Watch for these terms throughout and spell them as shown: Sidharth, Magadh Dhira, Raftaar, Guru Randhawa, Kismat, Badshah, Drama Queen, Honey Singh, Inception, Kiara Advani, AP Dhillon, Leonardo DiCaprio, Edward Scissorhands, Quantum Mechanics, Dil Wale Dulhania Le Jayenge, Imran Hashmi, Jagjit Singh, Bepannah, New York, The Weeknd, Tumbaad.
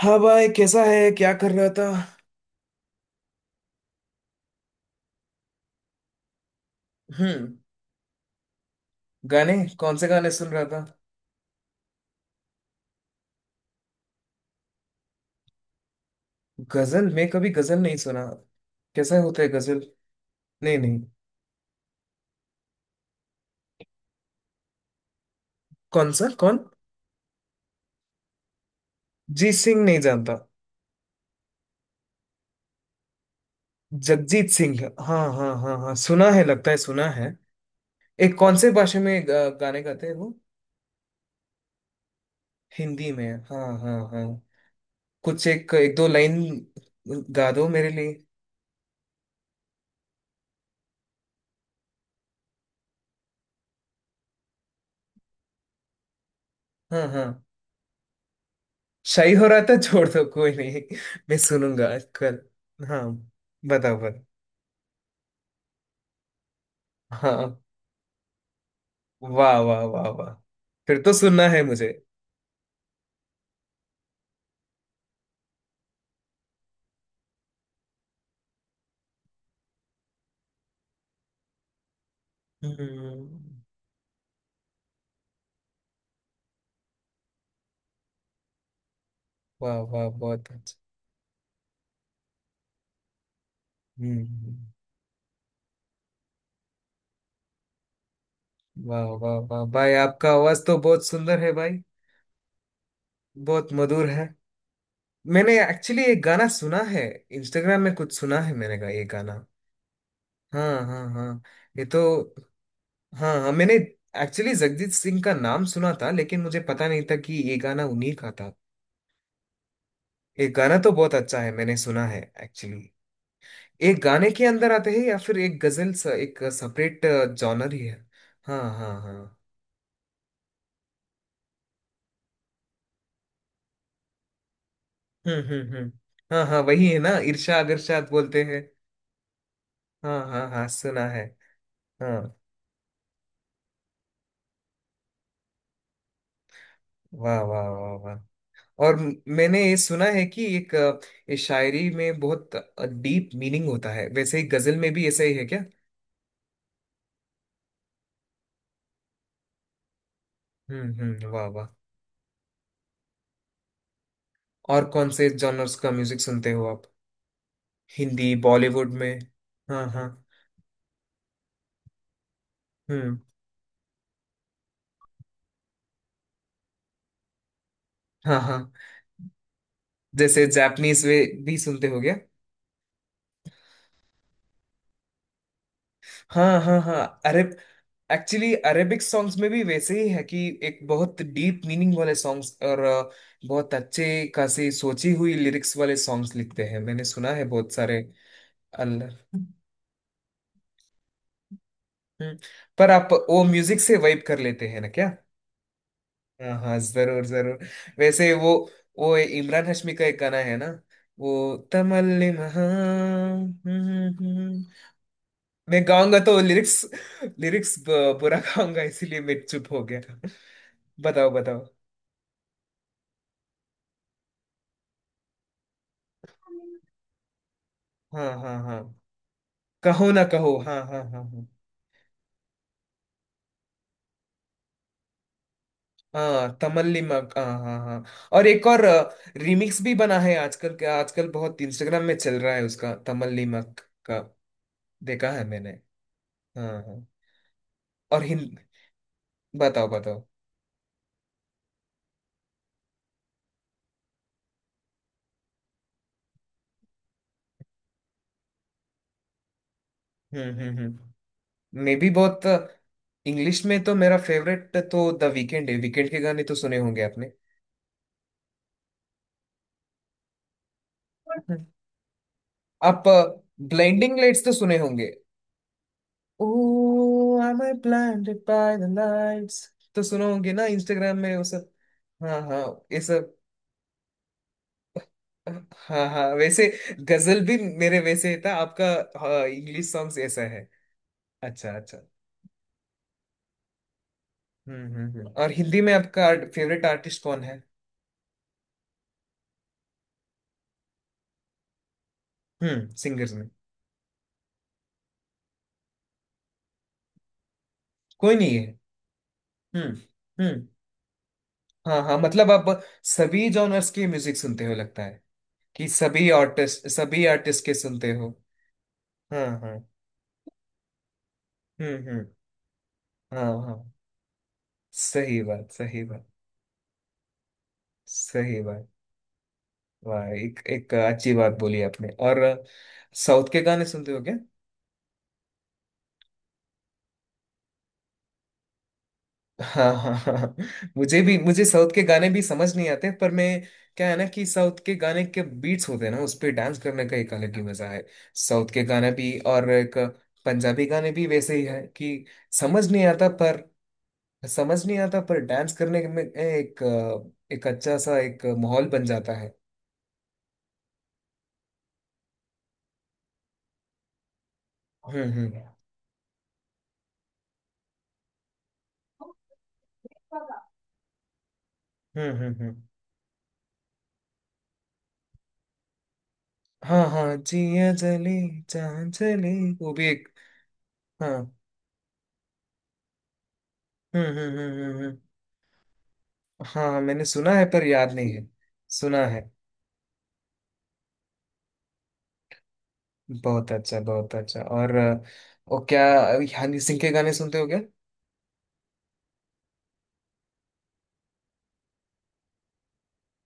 हाँ भाई, कैसा है? क्या कर रहा था? हम्म। गाने? कौन से गाने सुन रहा था? गजल? मैं कभी गजल नहीं सुना। कैसा होता है गजल? नहीं, नहीं। कौन सा? कौन? जी सिंह नहीं जानता। जगजीत सिंह। हाँ हाँ हाँ हाँ, सुना है, लगता है सुना है। एक कौन से भाषा में गाने गाते हैं वो? हिंदी में? हाँ हाँ हाँ। कुछ एक एक दो लाइन गा दो मेरे लिए। हाँ हाँ, शाही हो रहा था छोड़ दो, कोई नहीं। मैं सुनूंगा कल। हाँ, बताओ बताओ। हाँ, वाह वाह वाह वाह। फिर तो सुनना है मुझे। हम्म। वाह वाह, बहुत अच्छा। हम्म। वाह वाह वाह, भाई आपका आवाज तो बहुत सुंदर है भाई। बहुत मधुर है। मैंने एक्चुअली एक गाना सुना है, इंस्टाग्राम में कुछ सुना है मैंने का ये गाना। हाँ हाँ हाँ। ये तो। हाँ हाँ, मैंने एक्चुअली जगजीत सिंह का नाम सुना था लेकिन मुझे पता नहीं था कि ये गाना उन्हीं का था। ये गाना तो बहुत अच्छा है, मैंने सुना है एक्चुअली। एक गाने के अंदर आते हैं या फिर एक गजल सा एक सेपरेट जॉनर ही है? हाँ हाँ हाँ। हम्म। हाँ हाँ, वही है ना, इरशा अगर शाद बोलते हैं। हाँ हाँ हाँ, सुना है। हाँ, वाह वाह वाह वाह। और मैंने ये सुना है कि एक इस शायरी में बहुत डीप मीनिंग होता है, वैसे ही गजल में भी ऐसा ही है क्या? हम्म, वाह वाह। और कौन से जॉनर्स का म्यूजिक सुनते हो आप? हिंदी बॉलीवुड में? हाँ हाँ। हम्म। हाँ हाँ। जैसे जापानीज वे भी सुनते हो गया? हाँ हाँ हाँ, अरेब, एक्चुअली अरेबिक सॉन्ग्स में भी वैसे ही है कि एक बहुत डीप मीनिंग वाले सॉन्ग्स और बहुत अच्छे खासी सोची हुई लिरिक्स वाले सॉन्ग्स लिखते हैं, मैंने सुना है बहुत सारे। अल्लाह। हम्म। पर आप वो म्यूजिक से वाइब कर लेते हैं ना क्या? हाँ हाँ, जरूर जरूर। वैसे वो इमरान हाशमी का एक गाना है ना, वो तमल्लिम हाँ। मैं गाऊंगा तो लिरिक्स, लिरिक्स बुरा गाऊंगा, इसीलिए मैं चुप हो गया। बताओ बताओ। हाँ हाँ हाँ। कहो ना कहो हाँ हाँ हाँ हाँ। हाँ तमल्ली मग हाँ हाँ हाँ। और एक और रिमिक्स भी बना है, आजकल के आजकल बहुत इंस्टाग्राम में चल रहा है उसका, तमल्ली मग का देखा है मैंने। हाँ हाँ। और हिंद, बताओ बताओ। हम्म। मैं भी बहुत, इंग्लिश में तो मेरा फेवरेट तो द वीकेंड है। वीकेंड के गाने तो सुने होंगे आपने। आप ब्लाइंडिंग लाइट्स तो सुने होंगे, ओ am I blinded by the lights, तो सुने होंगे ना इंस्टाग्राम में वो सब। हाँ हाँ, ये सब। हाँ हाँ, वैसे गजल भी मेरे वैसे था, आपका इंग्लिश सॉन्ग्स ऐसा है। अच्छा अच्छा। और हिंदी में आपका फेवरेट आर्टिस्ट कौन है? हम्म, सिंगर्स में? कोई नहीं है? हम्म हम्म। हाँ हाँ, मतलब आप सभी जॉनर्स की म्यूजिक सुनते हो लगता है, कि सभी आर्टिस्ट, सभी आर्टिस्ट के सुनते हो। हाँ हाँ। हम्म। हाँ हाँ, सही बात, सही बात। सही बात। वाह, एक एक अच्छी बात बोली आपने। और साउथ के गाने सुनते हो क्या? हाँ हाँ हाँ हाँ। मुझे भी, मुझे साउथ के गाने भी समझ नहीं आते, पर मैं, क्या है ना कि साउथ के गाने के बीट्स होते हैं ना, उस पे डांस करने का एक अलग ही मजा है। साउथ के गाने भी और एक पंजाबी गाने भी वैसे ही है कि समझ नहीं आता पर, समझ नहीं आता पर डांस करने में एक, एक अच्छा सा एक माहौल बन जाता है। हम्म हम्म हम्म। हाँ हाँ, जिया जली जान चली, वो भी एक। हाँ। हम्म हम्म हम्म हम्म हम्म। हाँ, मैंने सुना है पर याद नहीं है। सुना है। बहुत अच्छा, बहुत अच्छा। और वो क्या, हनी सिंह के गाने सुनते हो क्या?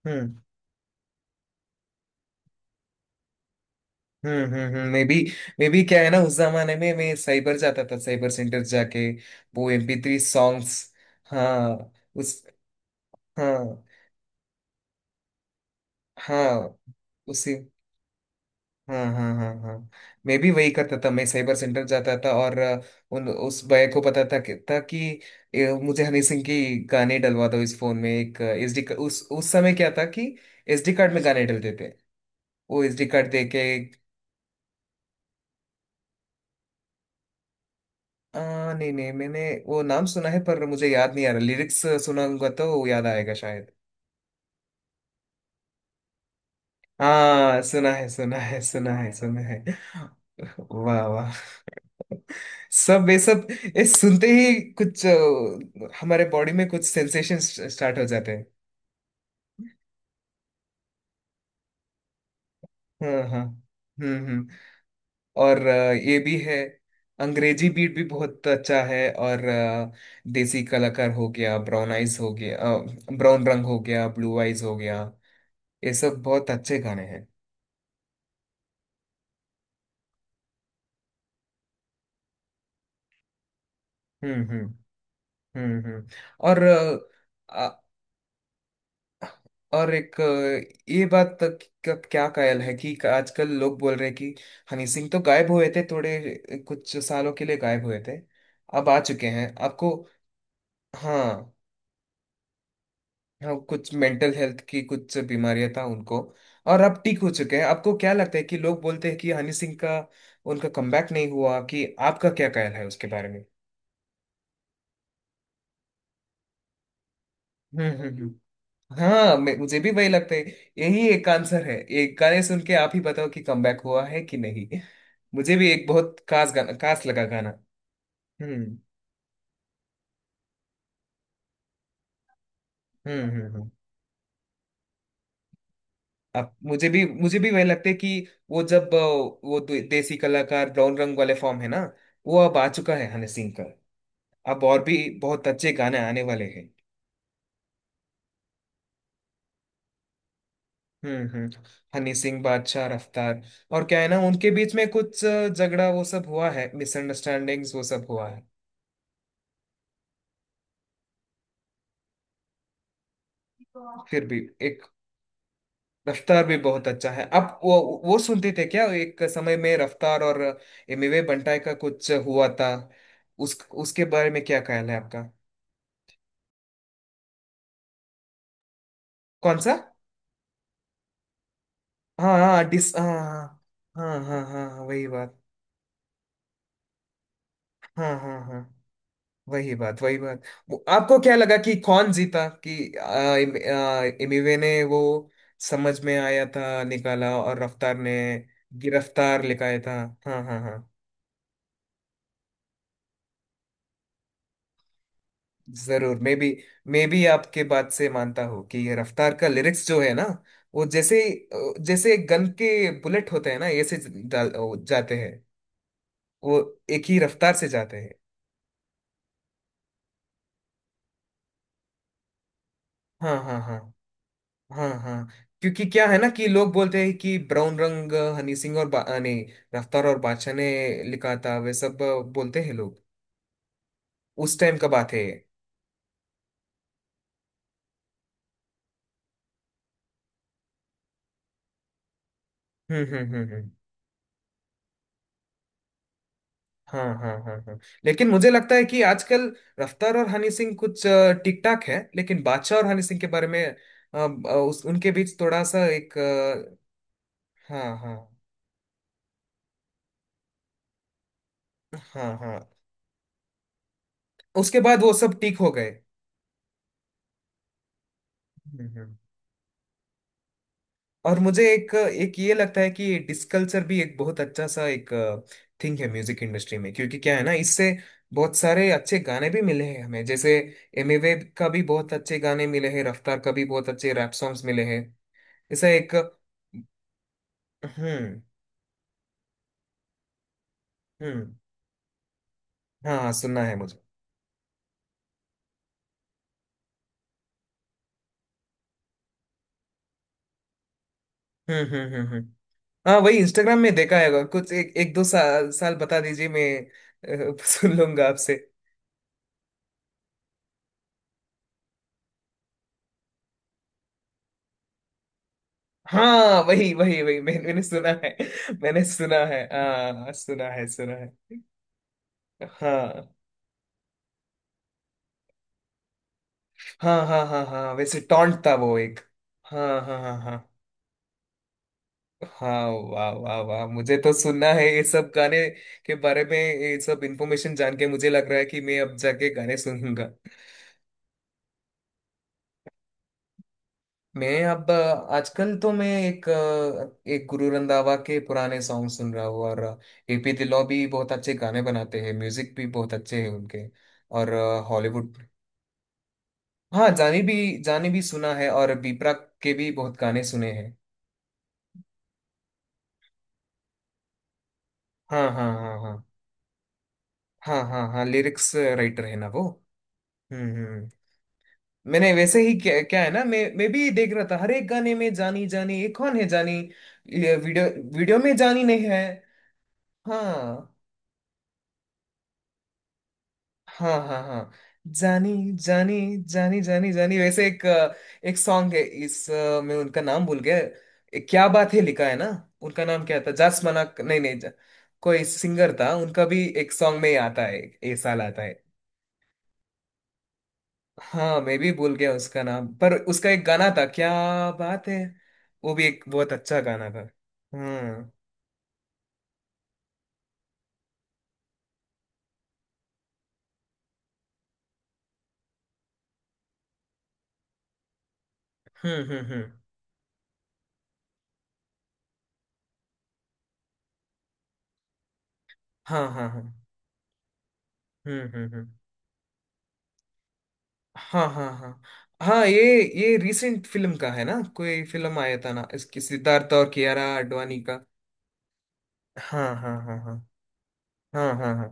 हम्म हम्म। मैं भी, मैं भी क्या है ना, उस जमाने में मैं साइबर जाता था, साइबर सेंटर जाके वो एमपी थ्री सॉन्ग्स। हाँ उस, हाँ हाँ उसी, हाँ हाँ हाँ हाँ, मैं भी वही करता था। मैं साइबर सेंटर जाता था और उन उस भैया को पता था कि ए, मुझे हनी सिंह की गाने डलवा दो इस फोन में एक एसडी, उस समय क्या था कि एसडी कार्ड में गाने डलते थे, वो एसडी कार्ड दे के। नहीं नहीं, मैंने वो नाम सुना है पर मुझे याद नहीं आ रहा लिरिक्स, सुनाऊंगा तो वो याद आएगा शायद। हाँ, सुना है सुना है सुना है सुना है वाह वाह। सब वे सब, ये सुनते ही कुछ हमारे बॉडी में कुछ सेंसेशन स्टार्ट हो जाते हैं। हाँ हाँ। हम्म। और ये भी है अंग्रेजी बीट भी बहुत अच्छा है। और देसी कलाकार हो गया, ब्राउन आइज हो गया, ब्राउन रंग हो गया, ब्लू आइज हो गया, ये सब बहुत अच्छे गाने हैं। हम्म हम्म हम्म। और और एक ये बात तक का क्या कायल है कि आजकल लोग बोल रहे हैं कि हनी सिंह तो गायब हुए थे थोड़े, कुछ सालों के लिए गायब हुए थे, अब आ चुके हैं। आपको हाँ। हाँ, कुछ मेंटल हेल्थ की कुछ बीमारियां था उनको। और अब ठीक हो चुके हैं, आपको क्या लगता है कि लोग बोलते हैं कि हनी सिंह का, उनका कमबैक नहीं हुआ, कि आपका क्या कायल है उसके बारे में? हम्म हम्म हम्म। हाँ मुझे भी वही लगता है। यही एक आंसर है, एक गाने सुन के आप ही बताओ कि कमबैक हुआ है कि नहीं। मुझे भी एक बहुत खास गाना, खास लगा गाना। हम्म हम्म हम्म हम्म। अब मुझे भी, मुझे भी वही लगता है कि वो जब वो देसी कलाकार, ब्राउन रंग वाले फॉर्म है ना, वो अब आ चुका है हनी सिंह का। अब और भी बहुत अच्छे गाने आने वाले हैं। हम्म। हनी सिंह बादशाह रफ्तार, और क्या है ना, उनके बीच में कुछ झगड़ा वो सब हुआ है, मिसअंडरस्टैंडिंग्स वो सब हुआ है। फिर भी एक, रफ्तार भी बहुत अच्छा है। आप वो सुनते थे क्या, एक समय में रफ्तार और एमिवे बंटाई का कुछ हुआ था, उस, उसके बारे में क्या ख्याल है आपका? कौन सा? हाँ हाँ, डिस हाँ। हाँ हाँ हाँ हाँ, हाँ, हाँ, वही बात। हाँ हाँ हाँ, वही बात, वही बात। वो, आपको क्या लगा कि कौन जीता, कि एमिवे ने वो समझ में आया था निकाला, और रफ्तार ने गिरफ्तार लिखाया था। हाँ हाँ हाँ, जरूर। मे बी, मे बी आपके बात से मानता हूँ कि ये रफ्तार का लिरिक्स जो है ना, वो जैसे, जैसे गन के बुलेट होते हैं ना ऐसे जाते हैं, वो एक ही रफ्तार से जाते हैं। हाँ हाँ हाँ हाँ हाँ। क्योंकि क्या है ना कि लोग बोलते हैं कि ब्राउन रंग हनी सिंह और नहीं, रफ्तार और बादशाह ने लिखा था वे सब, बोलते हैं लोग, उस टाइम का बात है ये। हम्म। हाँ हाँ हाँ हाँ, लेकिन मुझे लगता है कि आजकल रफ्तार और हनी सिंह कुछ ठीक ठाक है, लेकिन बादशाह और हनी सिंह के बारे में उस, उनके बीच थोड़ा सा एक हाँ हाँ हाँ हाँ, उसके बाद वो सब ठीक हो गए। हम्म, हम्म। और मुझे एक एक ये लगता है कि डिसकल्चर भी एक बहुत अच्छा सा एक थिंग है म्यूजिक इंडस्ट्री में, क्योंकि क्या है ना, इससे बहुत सारे अच्छे गाने भी मिले हैं हमें। जैसे एमिवे का भी बहुत अच्छे गाने मिले हैं, रफ्तार का भी बहुत अच्छे रैप सॉन्ग्स मिले हैं, ऐसा एक। हम्म हम्म। हाँ, सुनना है मुझे। हम्म। हाँ, वही इंस्टाग्राम में देखा है कुछ एक एक दो साल, साल बता दीजिए मैं सुन लूंगा आपसे। हाँ, वही वही वही, मैंने मैंने सुना है मैंने सुना है, हाँ सुना है सुना है। हाँ हाँ हाँ हाँ। हाँ वैसे टॉन्ट था वो एक। हाँ हाँ हाँ हाँ। हाँ वाह वाह वाह, मुझे तो सुनना है ये सब गाने के बारे में, ये सब इंफॉर्मेशन जान के मुझे लग रहा है कि मैं अब जाके गाने सुनूंगा। मैं अब आजकल तो मैं एक एक गुरु रंधावा के पुराने सॉन्ग सुन रहा हूँ और एपी दिलो भी बहुत अच्छे गाने बनाते हैं, म्यूजिक भी बहुत अच्छे हैं उनके। और हॉलीवुड। हाँ जानी भी, जानी भी सुना है, और बीपरा के भी बहुत गाने सुने हैं। हाँ हाँ हाँ हाँ। हाँ हाँ हाँ, लिरिक्स राइटर है ना वो। हम्म हम्म हम्म। मैंने वैसे ही क्या, क्या है ना, मैं भी देख रहा था हर एक गाने में जानी जानी, ये कौन है जानी, ये वीडियो, वीडियो में जानी नहीं है। हाँ हाँ हाँ हाँ। जानी जानी जानी जानी जानी, वैसे एक एक सॉन्ग है इस मैं उनका नाम भूल गया, ए, क्या बात है लिखा है ना, उनका नाम क्या था, जास मना, नहीं नहीं जा, कोई सिंगर था, उनका भी एक सॉन्ग में ही आता है ये, साल आता है। हाँ मैं भी भूल गया उसका नाम, पर उसका एक गाना था, क्या बात है, वो भी एक बहुत अच्छा गाना था। हम्म हम्म। हाँ हाँ हाँ। हम्म। हाँ हाँ हाँ हाँ, ये रीसेंट फिल्म का है ना, कोई फिल्म आया था ना इसकी, सिद्धार्थ और कियारा आडवाणी का। हाँ हाँ हाँ हाँ। हाँ हाँ हाँ।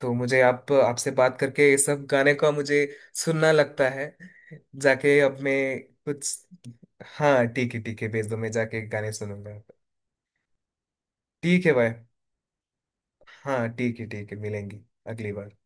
तो मुझे आप, आपसे बात करके ये सब गाने का मुझे सुनना लगता है, जाके अब मैं कुछ। हाँ ठीक है ठीक है, भेज दो, मैं जाके गाने सुनूंगा। ठीक है भाई। हाँ ठीक है ठीक है, मिलेंगे अगली बार।